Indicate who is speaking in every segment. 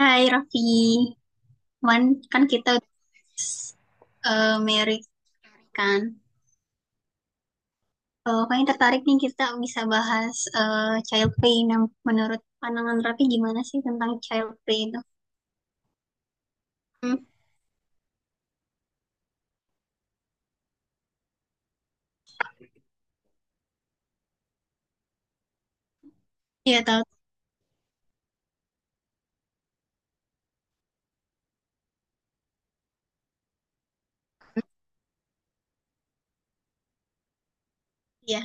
Speaker 1: Hai Raffi, Wan, kan kita udah married story kan. Kayaknya tertarik nih kita bisa bahas child play. Nah, menurut pandangan Raffi gimana sih tentang child play itu? Hmm, ya tahu ya.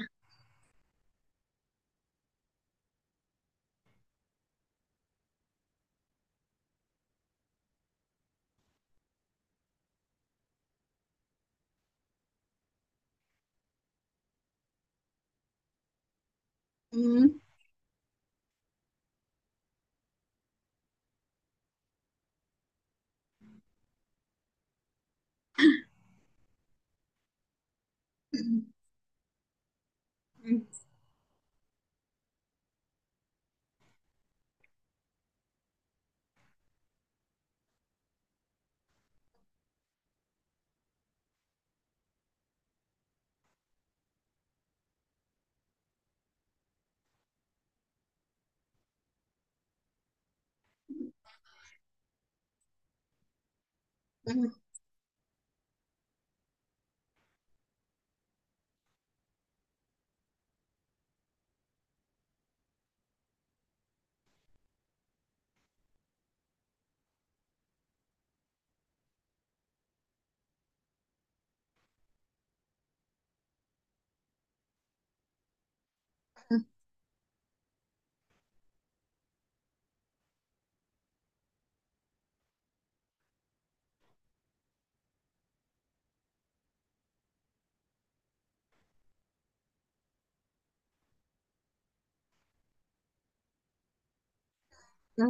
Speaker 1: Hmm, hmm, hmm, hmm, hmm,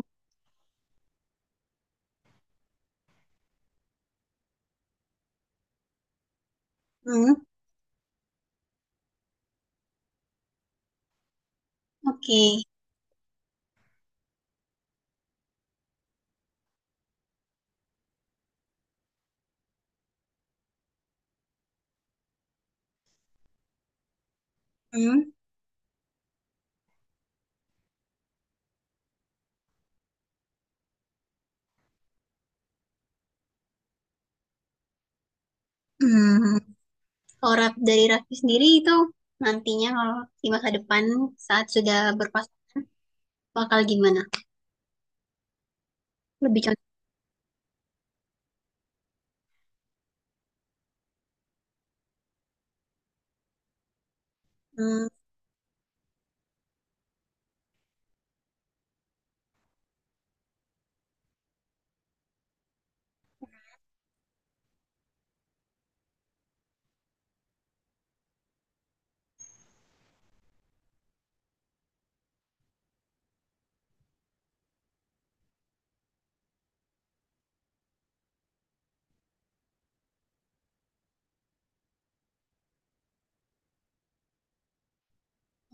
Speaker 1: hmm. Oke. Hmm, hmm. Kalau dari Raffi sendiri itu nantinya kalau di masa depan saat sudah berpasangan bakal gimana? Lebih cocok. Hmm,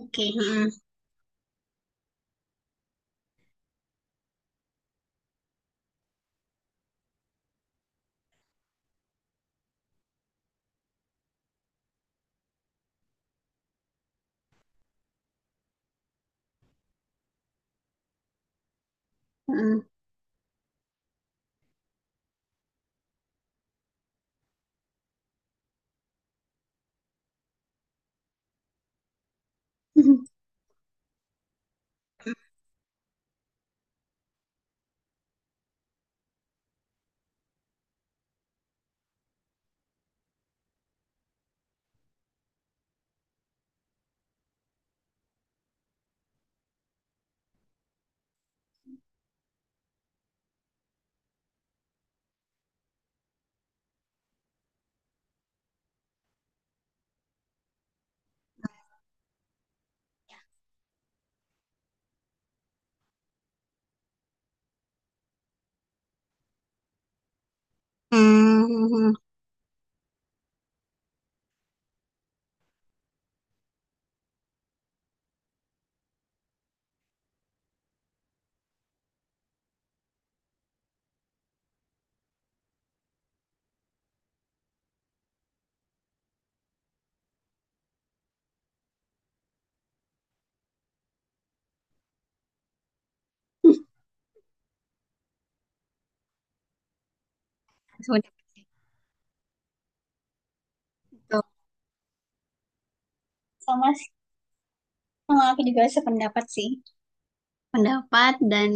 Speaker 1: oke. Hmm, hmm. Hmm, seperti itu. Sama sih, sama aku juga sependapat sih. Pendapat dan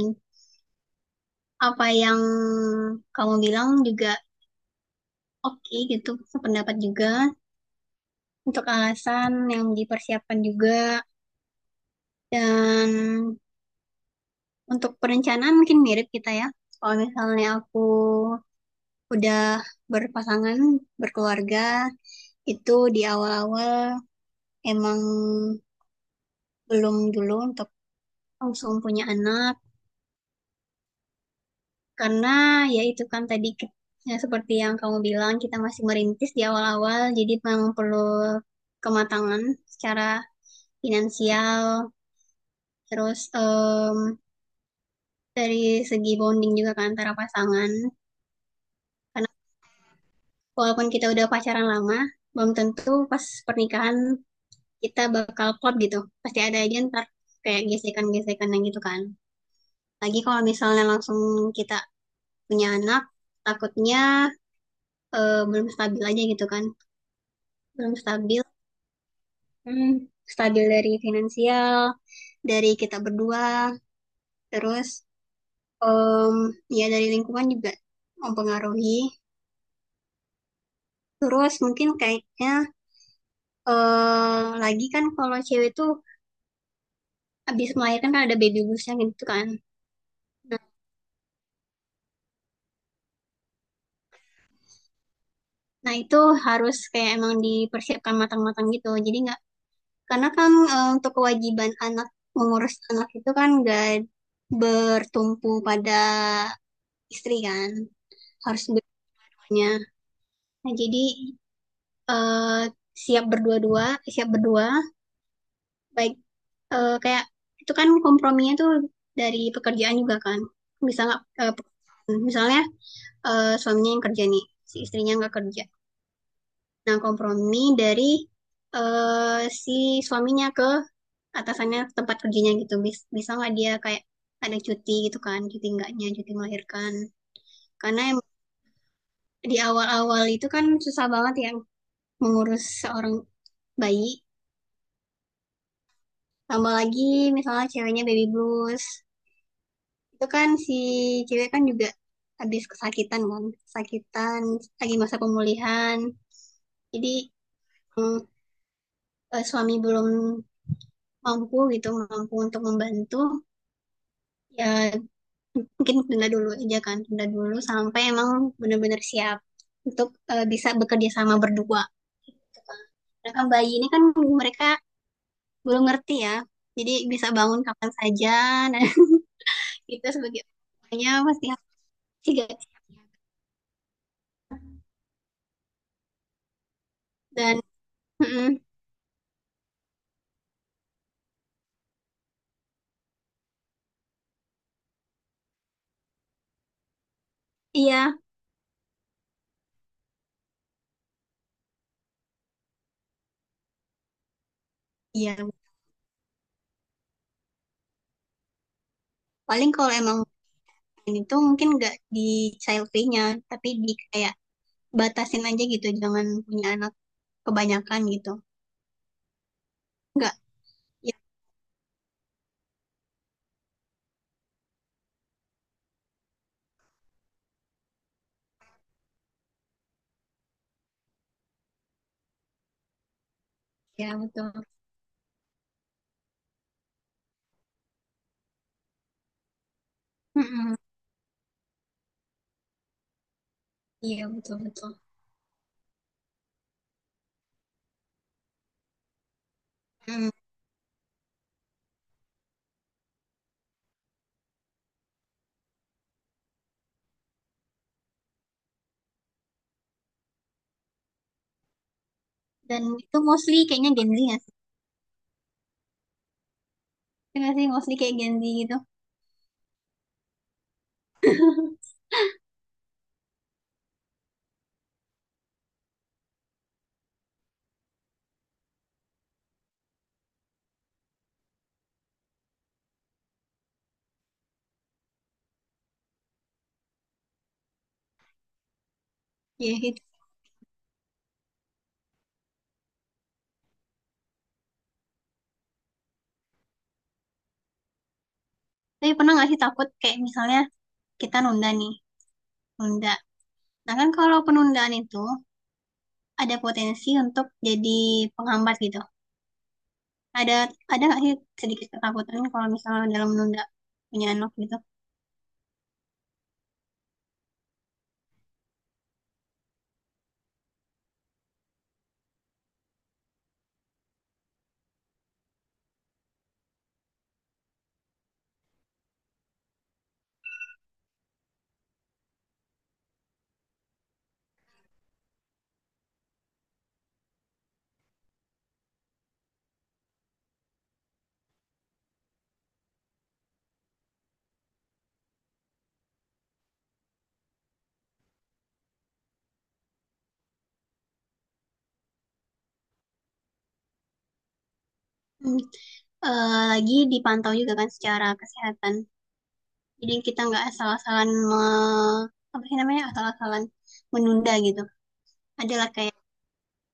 Speaker 1: apa yang kamu bilang juga oke gitu, sependapat juga. Untuk alasan yang dipersiapkan juga dan untuk perencanaan mungkin mirip kita ya. Kalau misalnya aku udah berpasangan, berkeluarga, itu di awal-awal emang belum dulu untuk langsung punya anak. Karena ya itu kan tadi ya seperti yang kamu bilang kita masih merintis di awal-awal jadi memang perlu kematangan secara finansial terus dari segi bonding juga kan antara pasangan karena walaupun kita udah pacaran lama belum tentu pas pernikahan kita bakal klop gitu pasti ada aja ntar kayak gesekan-gesekan yang gitu kan lagi kalau misalnya langsung kita punya anak takutnya belum stabil aja gitu kan belum stabil. Hmm, stabil dari finansial, dari kita berdua, terus em, ya dari lingkungan juga mempengaruhi. Terus mungkin kayaknya lagi kan kalau cewek tuh habis melahirkan kan ada baby bluesnya gitu kan. Nah, nah, itu harus kayak emang dipersiapkan matang-matang gitu. Jadi nggak karena kan untuk kewajiban anak mengurus anak itu kan nggak bertumpu pada istri kan, harus berduanya. Nah, jadi eh, siap berdua-dua, siap berdua, baik kayak itu kan komprominya tuh dari pekerjaan juga kan. Bisa nggak hmm, misalnya suaminya yang kerja nih, si istrinya nggak kerja. Nah, kompromi dari si suaminya ke atasannya ke tempat kerjanya gitu. Bisa nggak dia kayak ada cuti gitu kan, cuti enggaknya, cuti melahirkan. Karena di awal-awal itu kan susah banget ya mengurus seorang bayi. Tambah lagi misalnya ceweknya baby blues. Itu kan si cewek kan juga habis kesakitan kan. Kesakitan, lagi masa pemulihan. Jadi mm, suami belum mampu gitu, mampu untuk membantu. Ya mungkin tunda dulu aja kan. Tunda dulu sampai emang benar-benar siap untuk bisa bekerja sama berdua. Nah, kan bayi ini kan mereka belum ngerti ya. Jadi bisa bangun kapan saja. Nah, itu sebagai makanya pasti harus dijaga. Dan mm, iya, iya. Paling kalau emang bukan itu mungkin nggak di child free-nya, tapi di kayak batasin aja gitu, jangan punya anak kebanyakan gitu. Nggak, iya, iya, betul. Mm-mm, iya, betul, betul. Mm. Dan itu mostly kayaknya Gen Z nggak sih? Iya nggak sih, mostly kayak Gen Z gitu. Iya, gitu. Tapi pernah nggak sih takut kayak misalnya kita nunda nih, nunda. Nah kan kalau penundaan itu ada potensi untuk jadi penghambat gitu. ada ada nggak sih sedikit ketakutan kalau misalnya dalam menunda punya anak gitu? Hmm. Eh, lagi dipantau juga kan secara kesehatan jadi kita nggak apa sih namanya asal-asalan menunda gitu. Adalah kayak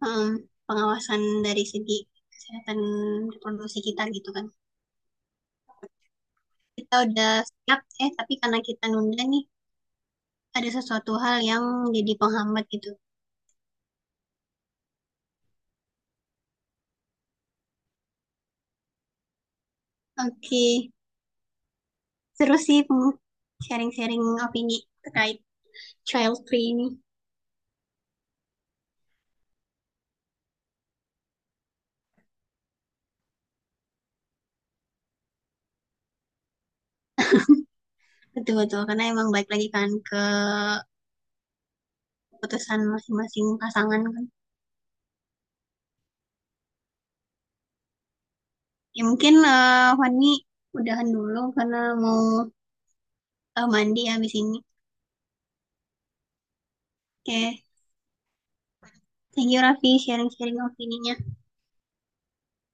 Speaker 1: em, pengawasan dari segi kesehatan reproduksi kita gitu kan kita udah siap eh tapi karena kita nunda nih ada sesuatu hal yang jadi penghambat gitu. Oke, seru sih sharing-sharing opini terkait child free ini. Betul betul karena emang balik lagi kan ke keputusan masing-masing pasangan kan. Ya mungkin Fani udahan dulu karena mau mandi habis ini. Oke, thank you Raffi sharing-sharing opininya.